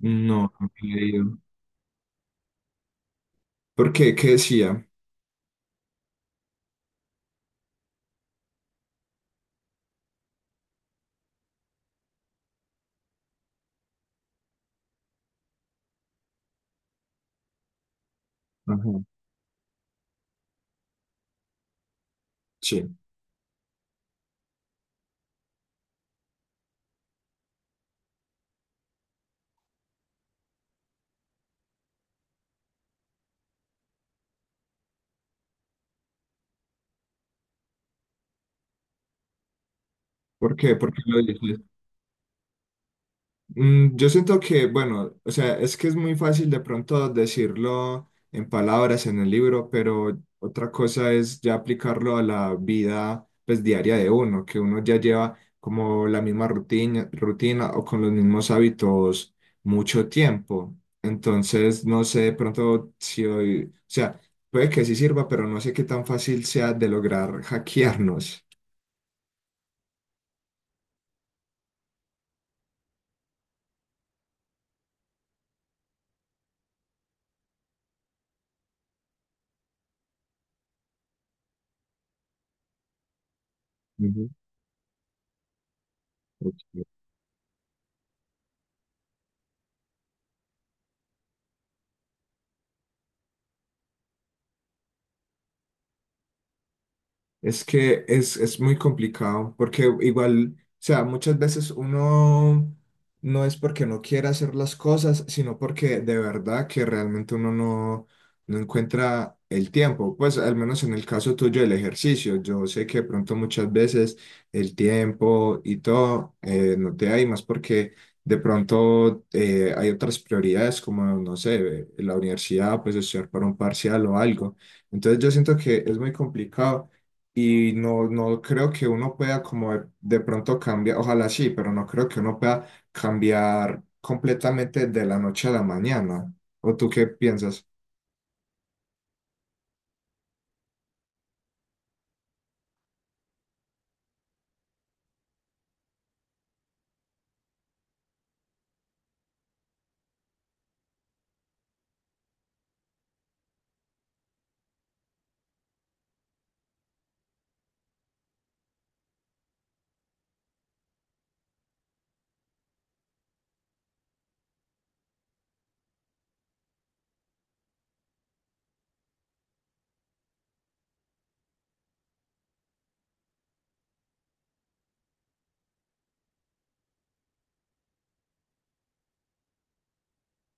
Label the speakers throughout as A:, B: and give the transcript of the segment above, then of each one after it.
A: No, no lo he leído. ¿Por qué? ¿Qué decía? Ajá, sí. ¿Por qué? ¿Por qué lo dices? Yo siento que, bueno, o sea, es que es muy fácil de pronto decirlo en palabras en el libro, pero otra cosa es ya aplicarlo a la vida pues diaria de uno, que uno ya lleva como la misma rutina, rutina o con los mismos hábitos mucho tiempo. Entonces, no sé de pronto si hoy, o sea, puede que sí sirva, pero no sé qué tan fácil sea de lograr hackearnos. Ujú, ok. Es que es muy complicado, porque igual, o sea, muchas veces uno no es porque no quiera hacer las cosas, sino porque de verdad que realmente uno no, no encuentra el tiempo. Pues al menos en el caso tuyo del ejercicio, yo sé que de pronto muchas veces el tiempo y todo no te hay más porque de pronto hay otras prioridades como, no sé, la universidad, pues estudiar para un parcial o algo. Entonces yo siento que es muy complicado. Y no, no creo que uno pueda como de pronto cambiar, ojalá sí, pero no creo que uno pueda cambiar completamente de la noche a la mañana. ¿O tú qué piensas?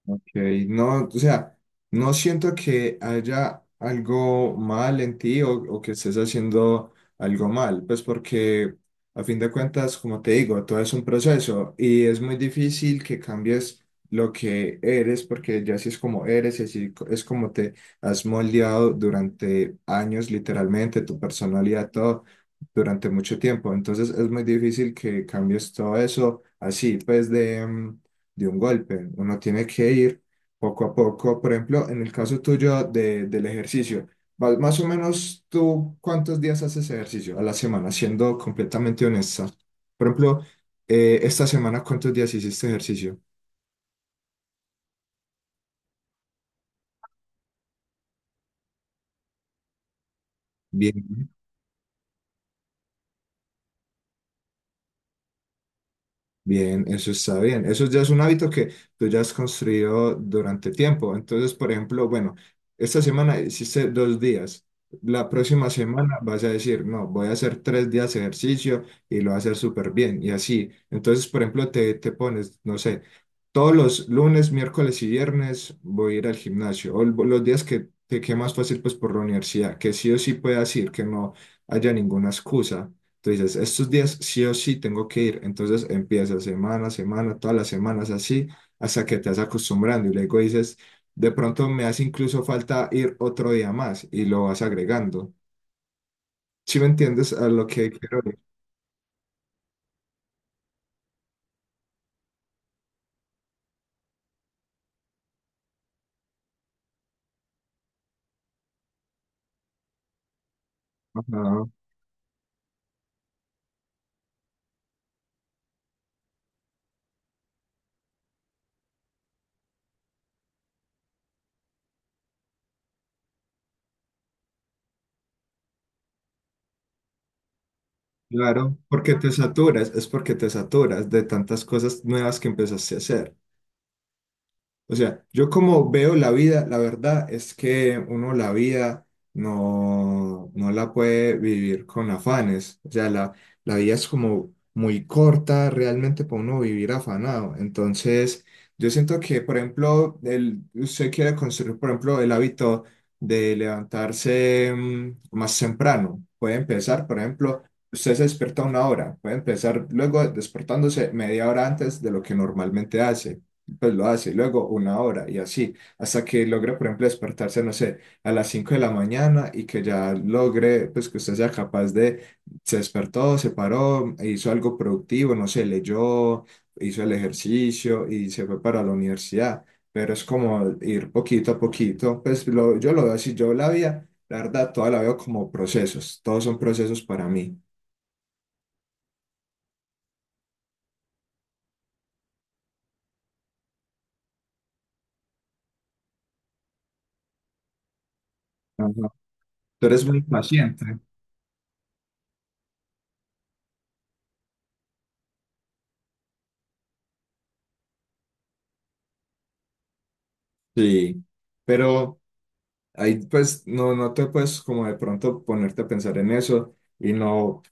A: Ok, no, o sea, no siento que haya algo mal en ti o que estés haciendo algo mal, pues porque a fin de cuentas, como te digo, todo es un proceso y es muy difícil que cambies lo que eres porque ya así es como eres y así es como te has moldeado durante años, literalmente, tu personalidad, todo durante mucho tiempo. Entonces es muy difícil que cambies todo eso así, pues de un golpe. Uno tiene que ir poco a poco. Por ejemplo, en el caso tuyo del ejercicio, más o menos tú, ¿cuántos días haces ejercicio a la semana? Siendo completamente honesta. Por ejemplo, esta semana, ¿cuántos días hiciste ejercicio? Bien. Bien, eso está bien. Eso ya es un hábito que tú ya has construido durante tiempo. Entonces, por ejemplo, bueno, esta semana hiciste 2 días. La próxima semana vas a decir, no, voy a hacer 3 días de ejercicio y lo voy a hacer súper bien. Y así. Entonces, por ejemplo, te pones, no sé, todos los lunes, miércoles y viernes voy a ir al gimnasio. O los días que te quede más fácil, pues por la universidad, que sí o sí puedas ir, que no haya ninguna excusa. Tú dices, estos días sí o sí tengo que ir. Entonces empiezas semana a semana, todas las semanas así, hasta que te vas acostumbrando. Y luego dices, de pronto me hace incluso falta ir otro día más y lo vas agregando. ¿Si me entiendes a lo que quiero ir? Ajá, claro, porque te saturas, es porque te saturas de tantas cosas nuevas que empezaste a hacer. O sea, yo como veo la vida, la verdad es que uno la vida no, no la puede vivir con afanes. O sea, la vida es como muy corta realmente para uno vivir afanado. Entonces, yo siento que, por ejemplo, usted quiere construir, por ejemplo, el hábito de levantarse más temprano. Puede empezar, por ejemplo, usted se despierta a una hora. Puede empezar luego despertándose media hora antes de lo que normalmente hace pues lo hace, y luego una hora y así, hasta que logre, por ejemplo, despertarse, no sé, a las 5 de la mañana y que ya logre, pues que usted sea capaz de, se despertó, se paró, hizo algo productivo, no sé, leyó, hizo el ejercicio y se fue para la universidad, pero es como ir poquito a poquito, pues yo lo veo así, yo la vida, la verdad, toda la veo como procesos, todos son procesos para mí. Ajá. Tú eres muy paciente. Sí, pero... Ahí pues no, no te puedes como de pronto ponerte a pensar en eso y no,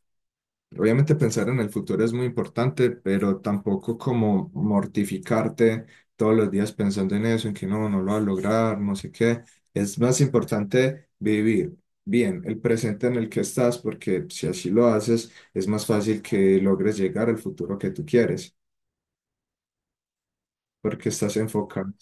A: obviamente pensar en el futuro es muy importante, pero tampoco como mortificarte todos los días pensando en eso, en que no, no lo va a lograr, no sé qué. Es más importante vivir bien el presente en el que estás, porque si así lo haces, es más fácil que logres llegar al futuro que tú quieres, porque estás enfocado.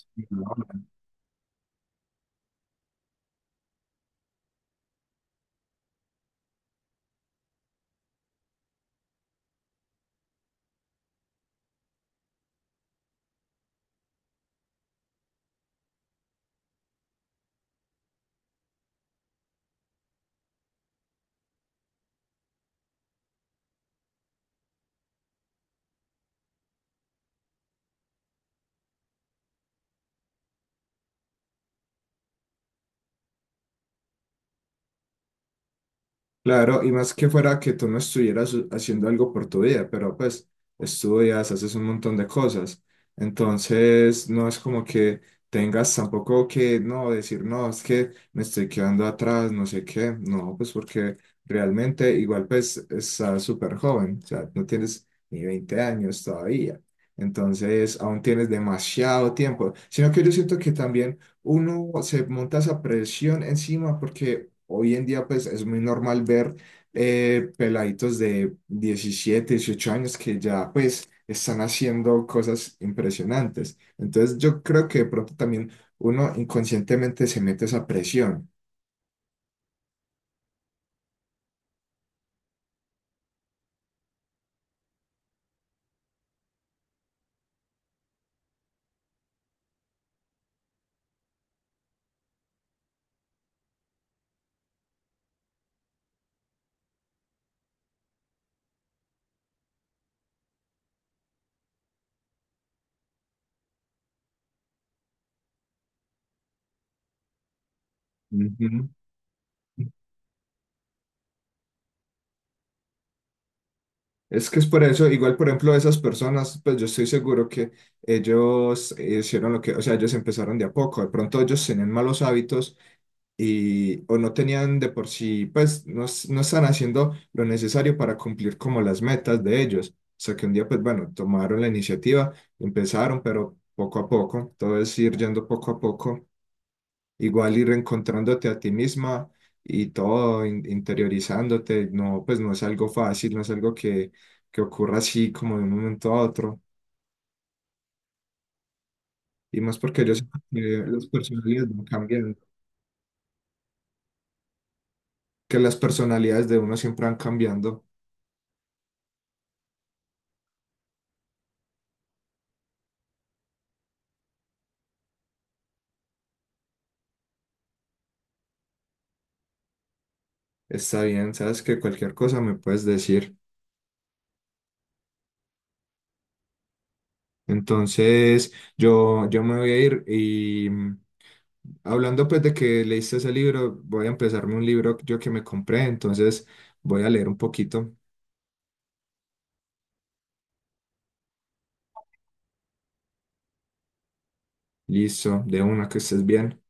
A: Claro, y más que fuera que tú no estuvieras haciendo algo por tu vida, pero pues estudias, haces un montón de cosas. Entonces, no es como que tengas tampoco que no decir, no, es que me estoy quedando atrás, no sé qué. No, pues porque realmente igual pues estás súper joven, o sea, no tienes ni 20 años todavía. Entonces, aún tienes demasiado tiempo. Sino que yo siento que también uno se monta esa presión encima porque hoy en día pues es muy normal ver peladitos de 17-18 años que ya pues están haciendo cosas impresionantes. Entonces yo creo que de pronto también uno inconscientemente se mete esa presión. Ujú. Es que es por eso, igual por ejemplo esas personas, pues yo estoy seguro que ellos hicieron lo que, o sea, ellos empezaron de a poco, de pronto ellos tenían malos hábitos y, o no tenían de por sí, pues no, no están haciendo lo necesario para cumplir como las metas de ellos. O sea que un día, pues bueno, tomaron la iniciativa, empezaron, pero poco a poco, todo es ir yendo poco a poco, igual ir reencontrándote a ti misma y todo interiorizándote, no, pues no es algo fácil, no es algo que ocurra así como de un momento a otro. Y más porque yo siento que las personalidades van cambiando, que las personalidades de uno siempre van cambiando. Está bien, sabes que cualquier cosa me puedes decir. Entonces, yo me voy a ir y hablando pues de que leíste ese libro, voy a empezarme un libro yo que me compré, entonces voy a leer un poquito. Listo, de una, que estés bien.